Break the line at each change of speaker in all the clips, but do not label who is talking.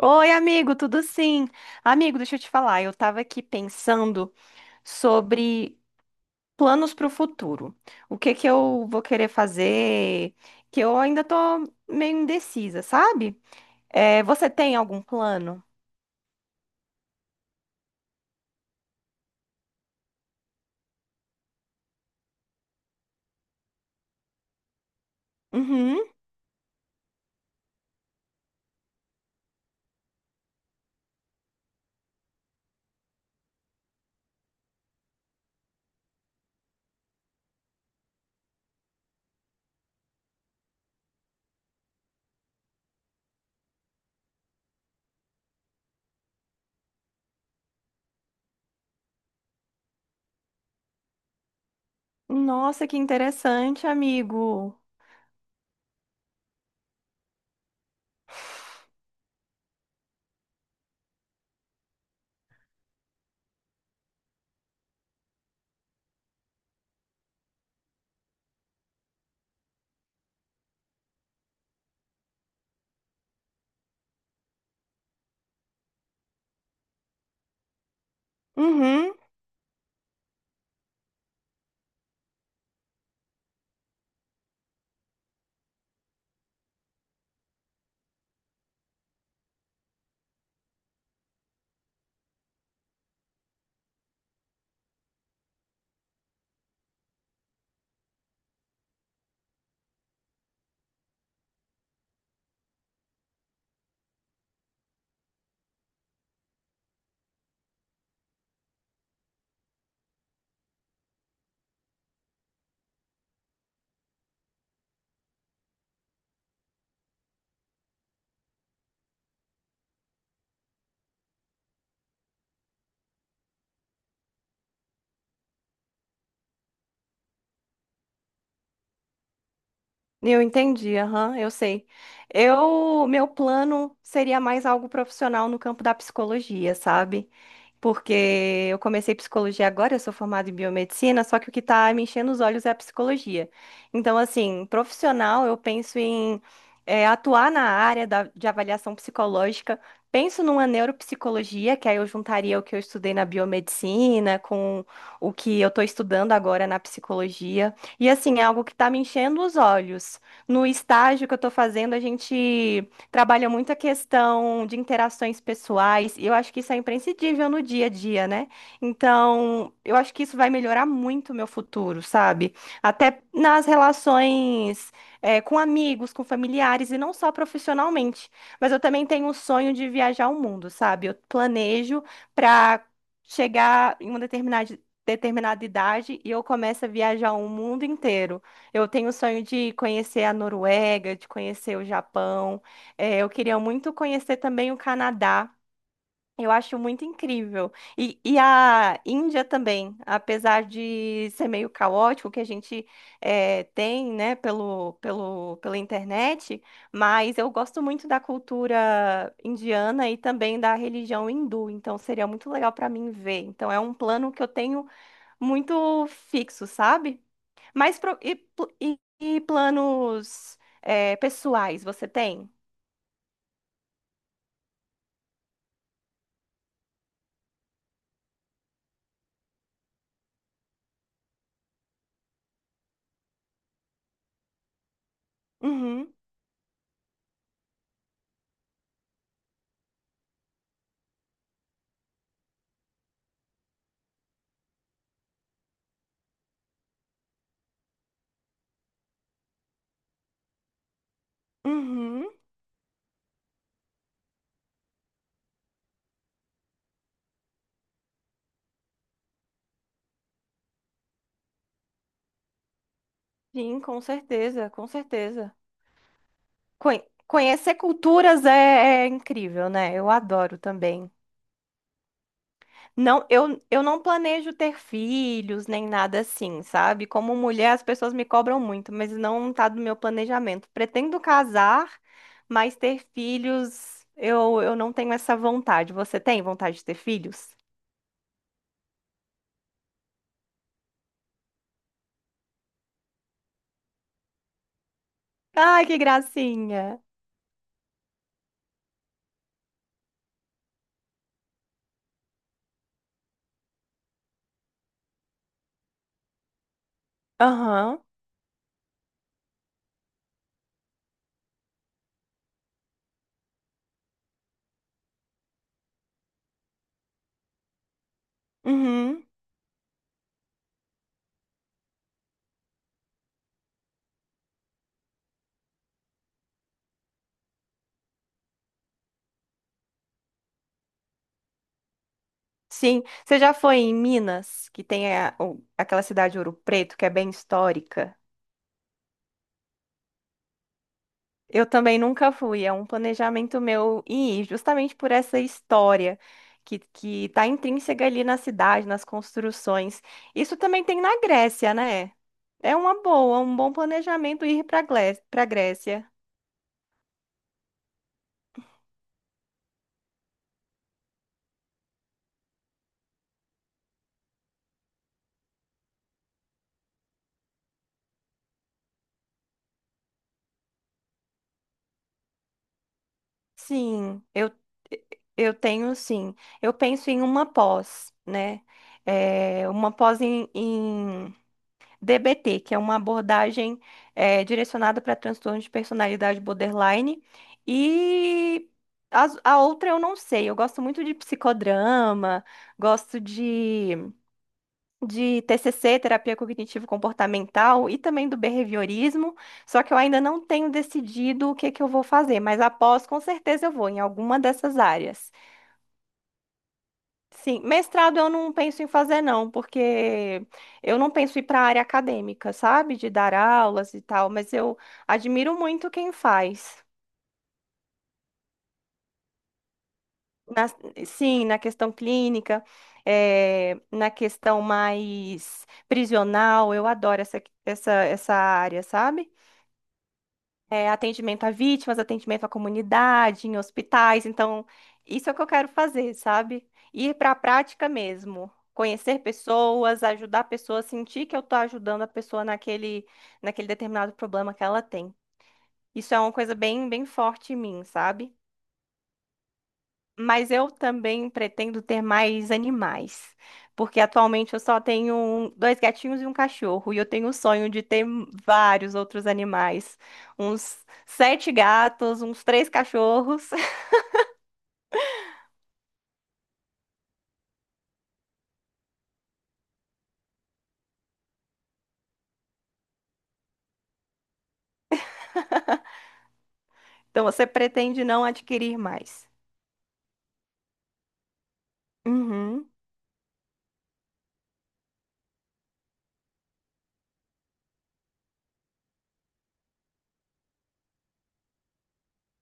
Oi, amigo, tudo sim? Amigo, deixa eu te falar, eu tava aqui pensando sobre planos para o futuro. O que que eu vou querer fazer, que eu ainda tô meio indecisa, sabe? É, você tem algum plano? Uhum. Nossa, que interessante, amigo. Uhum. Eu entendi, aham, eu sei. Eu, meu plano seria mais algo profissional no campo da psicologia, sabe? Porque eu comecei psicologia agora, eu sou formada em biomedicina, só que o que está me enchendo os olhos é a psicologia. Então, assim, profissional, eu penso em atuar na área de avaliação psicológica, penso numa neuropsicologia, que aí eu juntaria o que eu estudei na biomedicina com o que eu estou estudando agora na psicologia. E, assim, é algo que está me enchendo os olhos. No estágio que eu estou fazendo, a gente. Trabalha muito a questão de interações pessoais, e eu acho que isso é imprescindível no dia a dia, né? Então, eu acho que isso vai melhorar muito o meu futuro, sabe? Até nas relações, com amigos, com familiares, e não só profissionalmente. Mas eu também tenho um sonho de viajar o mundo, sabe? Eu planejo para chegar em uma determinada. Determinada idade e eu começo a viajar o mundo inteiro. Eu tenho o sonho de conhecer a Noruega, de conhecer o Japão. É, eu queria muito conhecer também o Canadá. Eu acho muito incrível. E a Índia também, apesar de ser meio caótico, que a gente tem, né, pela internet, mas eu gosto muito da cultura indiana e também da religião hindu, então seria muito legal para mim ver. Então é um plano que eu tenho muito fixo, sabe? Mas e planos pessoais você tem? Uhum. Uhum, sim, com certeza, com certeza. Conhecer culturas é, é incrível, né? Eu adoro também. Não, eu não planejo ter filhos nem nada assim, sabe? Como mulher, as pessoas me cobram muito, mas não tá do meu planejamento. Pretendo casar, mas ter filhos, eu não tenho essa vontade. Você tem vontade de ter filhos? Ai, que gracinha. Aham. Uhum. Sim, você já foi em Minas, que tem aquela cidade Ouro Preto, que é bem histórica? Eu também nunca fui, é um planejamento meu ir, justamente por essa história que tá intrínseca ali na cidade, nas construções. Isso também tem na Grécia, né? É uma boa, um bom planejamento ir para Grécia. Sim, eu tenho sim. Eu penso em uma pós, né? É, uma pós em DBT, que é uma abordagem direcionada para transtorno de personalidade borderline. E outra eu não sei. Eu gosto muito de psicodrama, gosto de TCC, terapia cognitivo-comportamental, e também do behaviorismo. Só que eu ainda não tenho decidido o que que eu vou fazer, mas após, com certeza eu vou em alguma dessas áreas. Sim, mestrado eu não penso em fazer, não, porque eu não penso em ir para a área acadêmica, sabe? De dar aulas e tal, mas eu admiro muito quem faz. Na- sim, na questão clínica, na questão mais prisional, eu adoro essa área, sabe? É, atendimento a vítimas, atendimento à comunidade, em hospitais. Então, isso é o que eu quero fazer, sabe? Ir para a prática mesmo. Conhecer pessoas, ajudar a pessoa, sentir que eu estou ajudando a pessoa naquele determinado problema que ela tem. Isso é uma coisa bem, bem forte em mim, sabe? Mas eu também pretendo ter mais animais, porque atualmente eu só tenho dois gatinhos e um cachorro, e eu tenho o sonho de ter vários outros animais, uns sete gatos, uns três cachorros. Então você pretende não adquirir mais? Uhum,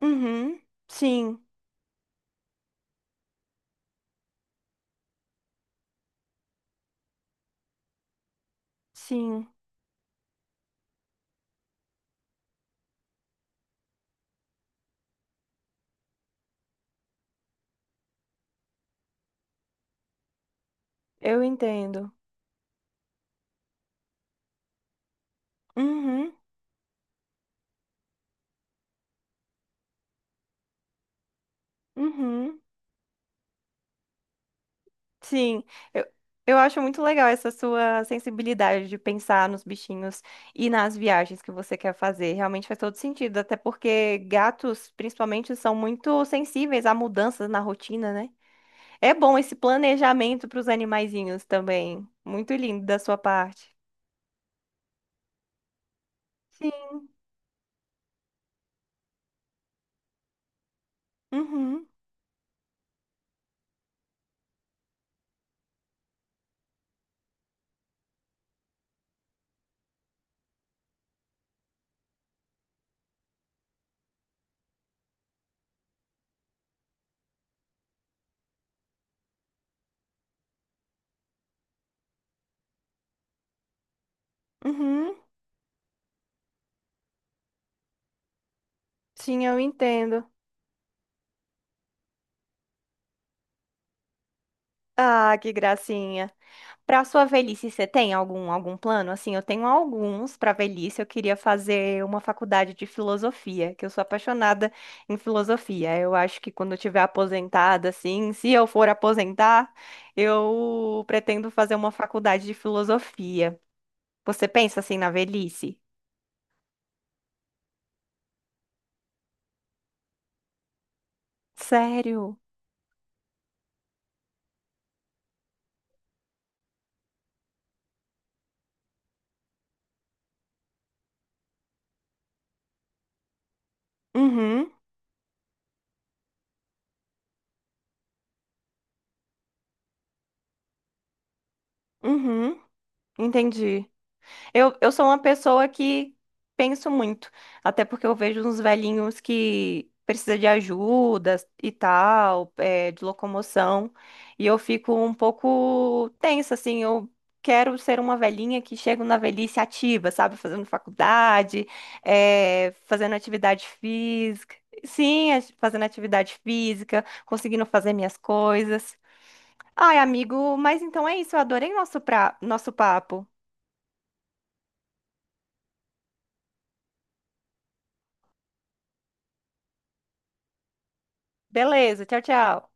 uhum, sim, sim, eu entendo. Uhum, uhum. Sim, eu, eu acho muito legal essa sua sensibilidade de pensar nos bichinhos e nas viagens que você quer fazer. Realmente faz todo sentido, até porque gatos, principalmente, são muito sensíveis a mudanças na rotina, né? É bom esse planejamento para os animaizinhos também. Muito lindo da sua parte. Sim. Uhum, uhum. Sim, eu entendo. Ah, que gracinha. Para sua velhice, você tem algum algum plano? Assim, eu tenho alguns para velhice. Eu queria fazer uma faculdade de filosofia, que eu sou apaixonada em filosofia. Eu acho que quando eu tiver aposentada, assim, se eu for aposentar, eu pretendo fazer uma faculdade de filosofia. Você pensa assim na velhice? Sério? Uhum, uhum, entendi. Eu sou uma pessoa que penso muito, até porque eu vejo uns velhinhos que precisa de ajuda e tal, é, de locomoção, e eu fico um pouco tensa, assim, eu quero ser uma velhinha que chega na velhice ativa, sabe, fazendo faculdade, é, fazendo atividade física, sim, fazendo atividade física, conseguindo fazer minhas coisas. Ai, amigo, mas então é isso, eu adorei nosso papo. Beleza, tchau, tchau.